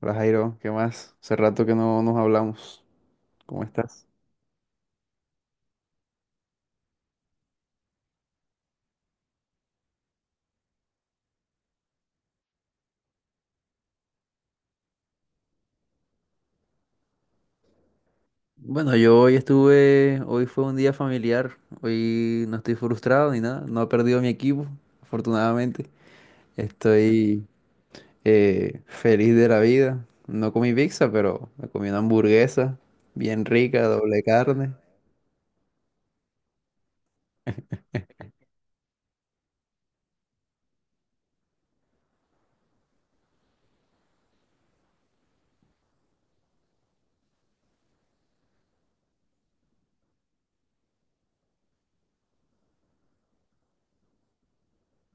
Hola Jairo, ¿qué más? Hace rato que no nos hablamos. ¿Cómo estás? Bueno, yo hoy estuve, hoy fue un día familiar, hoy no estoy frustrado ni nada, no he perdido mi equipo, afortunadamente. Estoy feliz de la vida. No comí pizza, pero me comí una hamburguesa bien rica, doble carne.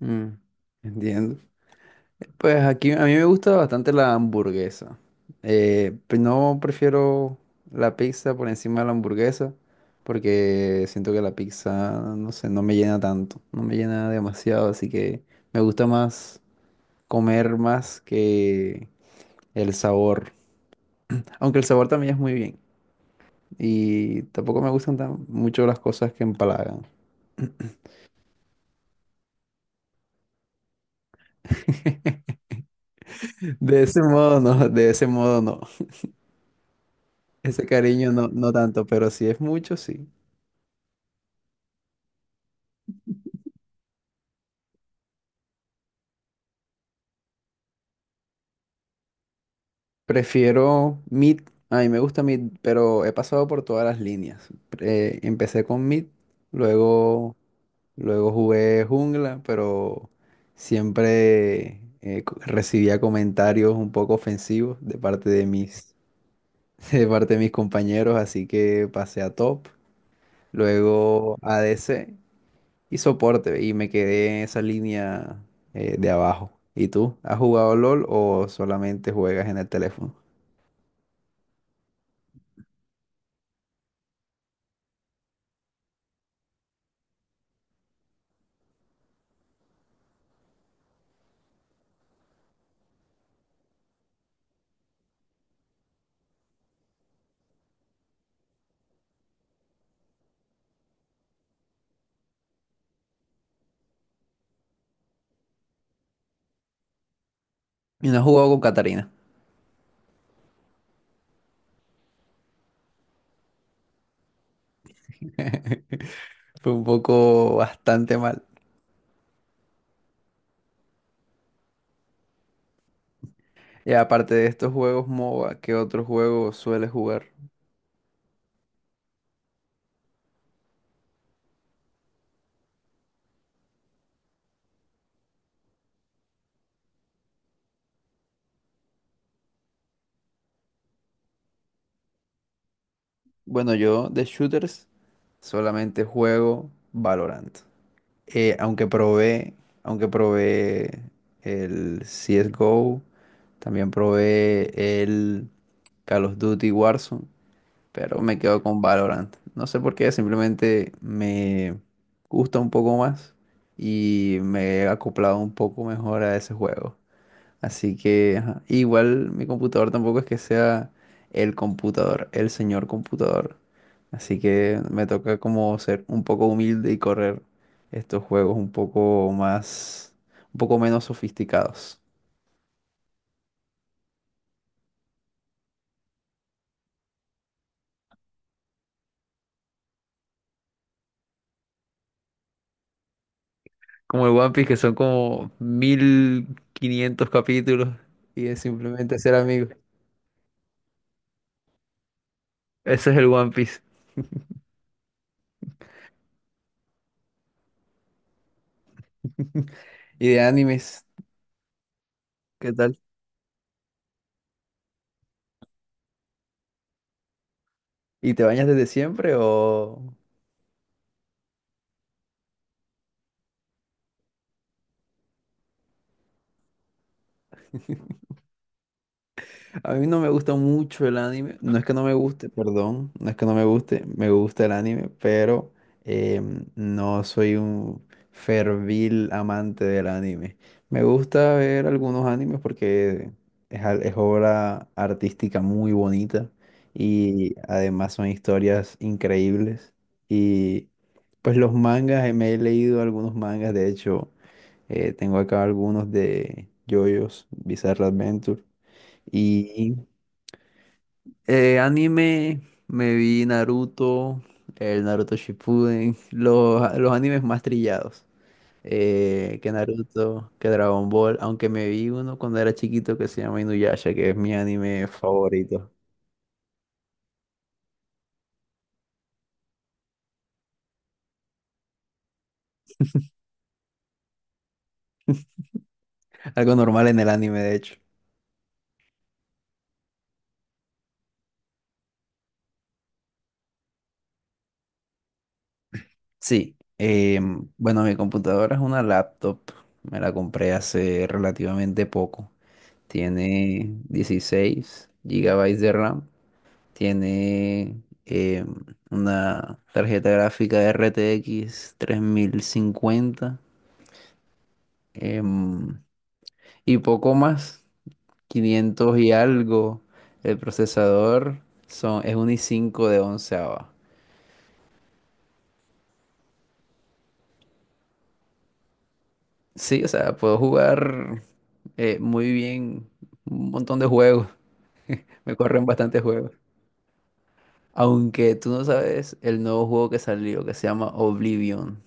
Mm, entiendo. Pues aquí a mí me gusta bastante la hamburguesa. Pues no prefiero la pizza por encima de la hamburguesa porque siento que la pizza, no sé, no me llena tanto, no me llena demasiado, así que me gusta más comer más que el sabor. Aunque el sabor también es muy bien y tampoco me gustan tan mucho las cosas que empalagan. De ese modo no, de ese modo no. Ese cariño no, no tanto, pero si es mucho, sí. Prefiero Mid, a mí me gusta Mid, pero he pasado por todas las líneas. Empecé con Mid, luego, luego jugué jungla, pero siempre recibía comentarios un poco ofensivos de parte de mis, de parte de mis compañeros, así que pasé a top, luego a ADC y soporte, y me quedé en esa línea de abajo. ¿Y tú? ¿Has jugado LOL o solamente juegas en el teléfono? ¿Y no has jugado con Catarina? Fue un poco bastante mal. Y aparte de estos juegos MOBA, ¿qué otro juego sueles jugar? Bueno, yo de shooters solamente juego Valorant. Eh, aunque probé, aunque probé el CSGO, también probé el Call of Duty Warzone, pero me quedo con Valorant. No sé por qué, simplemente me gusta un poco más y me he acoplado un poco mejor a ese juego. Así que ajá, igual mi computador tampoco es que sea el computador, el señor computador. Así que me toca como ser un poco humilde y correr estos juegos un poco más, un poco menos sofisticados. Como el One Piece, que son como 1500 capítulos y es simplemente ser amigo. Ese es el One Piece. Y de animes, ¿qué tal? ¿Y te bañas desde siempre o? A mí no me gusta mucho el anime. No es que no me guste, perdón. No es que no me guste. Me gusta el anime, pero no soy un fervil amante del anime. Me gusta ver algunos animes porque es obra artística muy bonita y además son historias increíbles. Y pues los mangas, me he leído algunos mangas. De hecho, tengo acá algunos de JoJo's Bizarre Adventure. Y anime, me vi Naruto, el Naruto Shippuden, los animes más trillados. Que Naruto, que Dragon Ball, aunque me vi uno cuando era chiquito que se llama Inuyasha, que es mi anime favorito. Algo normal en el anime, de hecho. Sí, bueno, mi computadora es una laptop, me la compré hace relativamente poco. Tiene 16 GB de RAM. Tiene una tarjeta gráfica RTX 3050 em, y poco más, quinientos y algo. El procesador es un i5 de 11ava. Sí, o sea, puedo jugar muy bien un montón de juegos. Me corren bastantes juegos. Aunque tú no sabes el nuevo juego que salió que se llama Oblivion.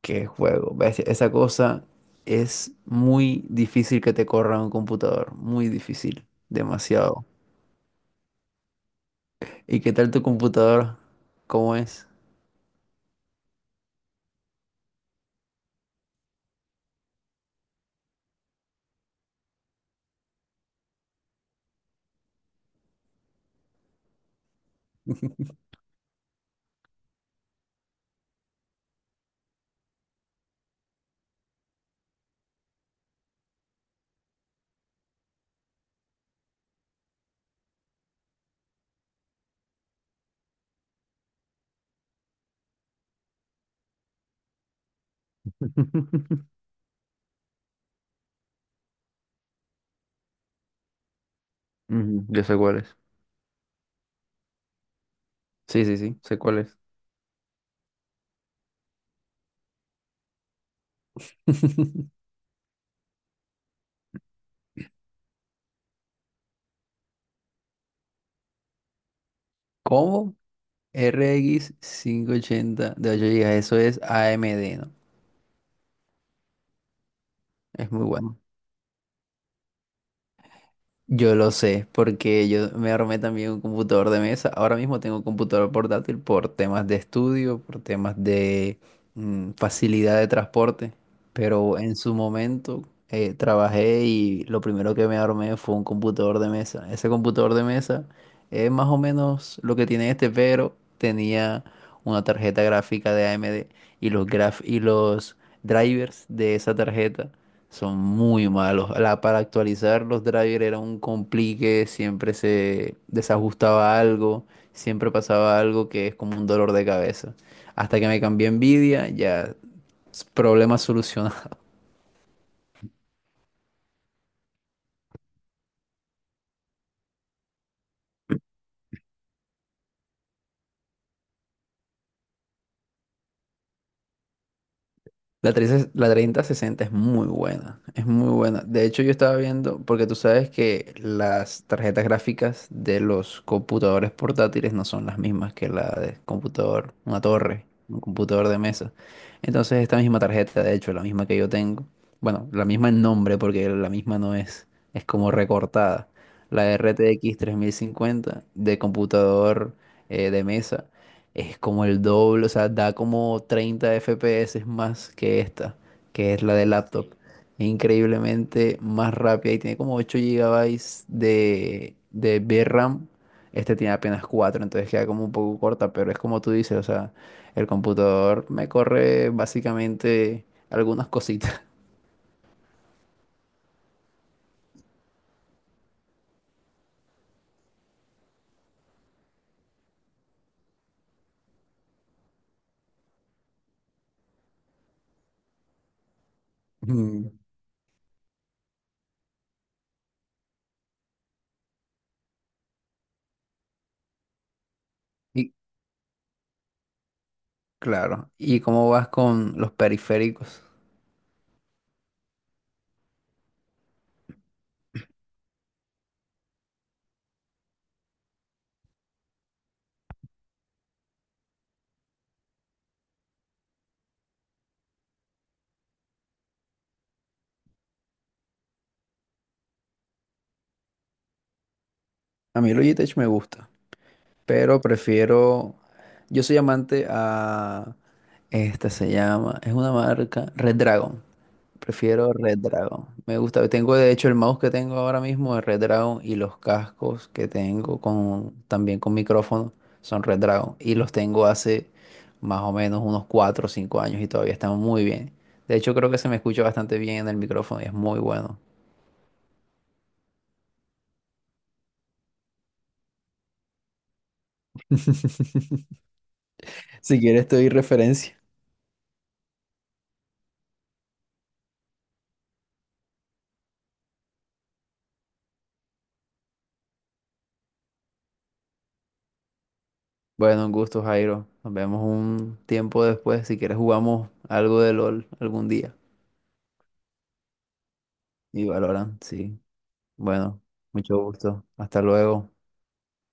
Qué juego. ¿Ves? Esa cosa es muy difícil que te corra un computador. Muy difícil. Demasiado. ¿Y qué tal tu computador? ¿Cómo es? Ujú, yo sé cuál es. Sí, sí, sí. Sé cuál es. ¿Cómo? RX 580 de 8 gigas. Eso es AMD, ¿no? Es muy bueno. Yo lo sé, porque yo me armé también un computador de mesa. Ahora mismo tengo un computador portátil por temas de estudio, por temas de facilidad de transporte. Pero en su momento trabajé y lo primero que me armé fue un computador de mesa. Ese computador de mesa es más o menos lo que tiene este, pero tenía una tarjeta gráfica de AMD y los drivers de esa tarjeta son muy malos. Para actualizar los drivers era un complique, siempre se desajustaba algo, siempre pasaba algo que es como un dolor de cabeza. Hasta que me cambié a Nvidia, ya problema solucionado. La 30, la 3060 es muy buena, es muy buena. De hecho, yo estaba viendo, porque tú sabes que las tarjetas gráficas de los computadores portátiles no son las mismas que la de computador, una torre, un computador de mesa. Entonces, esta misma tarjeta, de hecho, la misma que yo tengo, bueno, la misma en nombre, porque la misma no es, es como recortada. La RTX 3050 de computador de mesa es como el doble, o sea, da como 30 FPS más que esta, que es la de laptop. Es increíblemente más rápida y tiene como 8 GB de VRAM. Este tiene apenas 4 entonces queda como un poco corta, pero es como tú dices, o sea, el computador me corre básicamente algunas cositas. Mm, y claro, ¿y cómo vas con los periféricos? A mí el Logitech me gusta, pero prefiero. Yo soy amante a. Esta se llama, es una marca Red Dragon. Prefiero Red Dragon. Me gusta, tengo de hecho el mouse que tengo ahora mismo es Red Dragon y los cascos que tengo con también con micrófono son Red Dragon y los tengo hace más o menos unos 4 o 5 años y todavía están muy bien. De hecho creo que se me escucha bastante bien en el micrófono y es muy bueno. Si quieres te doy referencia. Bueno, un gusto, Jairo. Nos vemos un tiempo después. Si quieres jugamos algo de LOL algún día. Y valoran, sí. Bueno, mucho gusto. Hasta luego.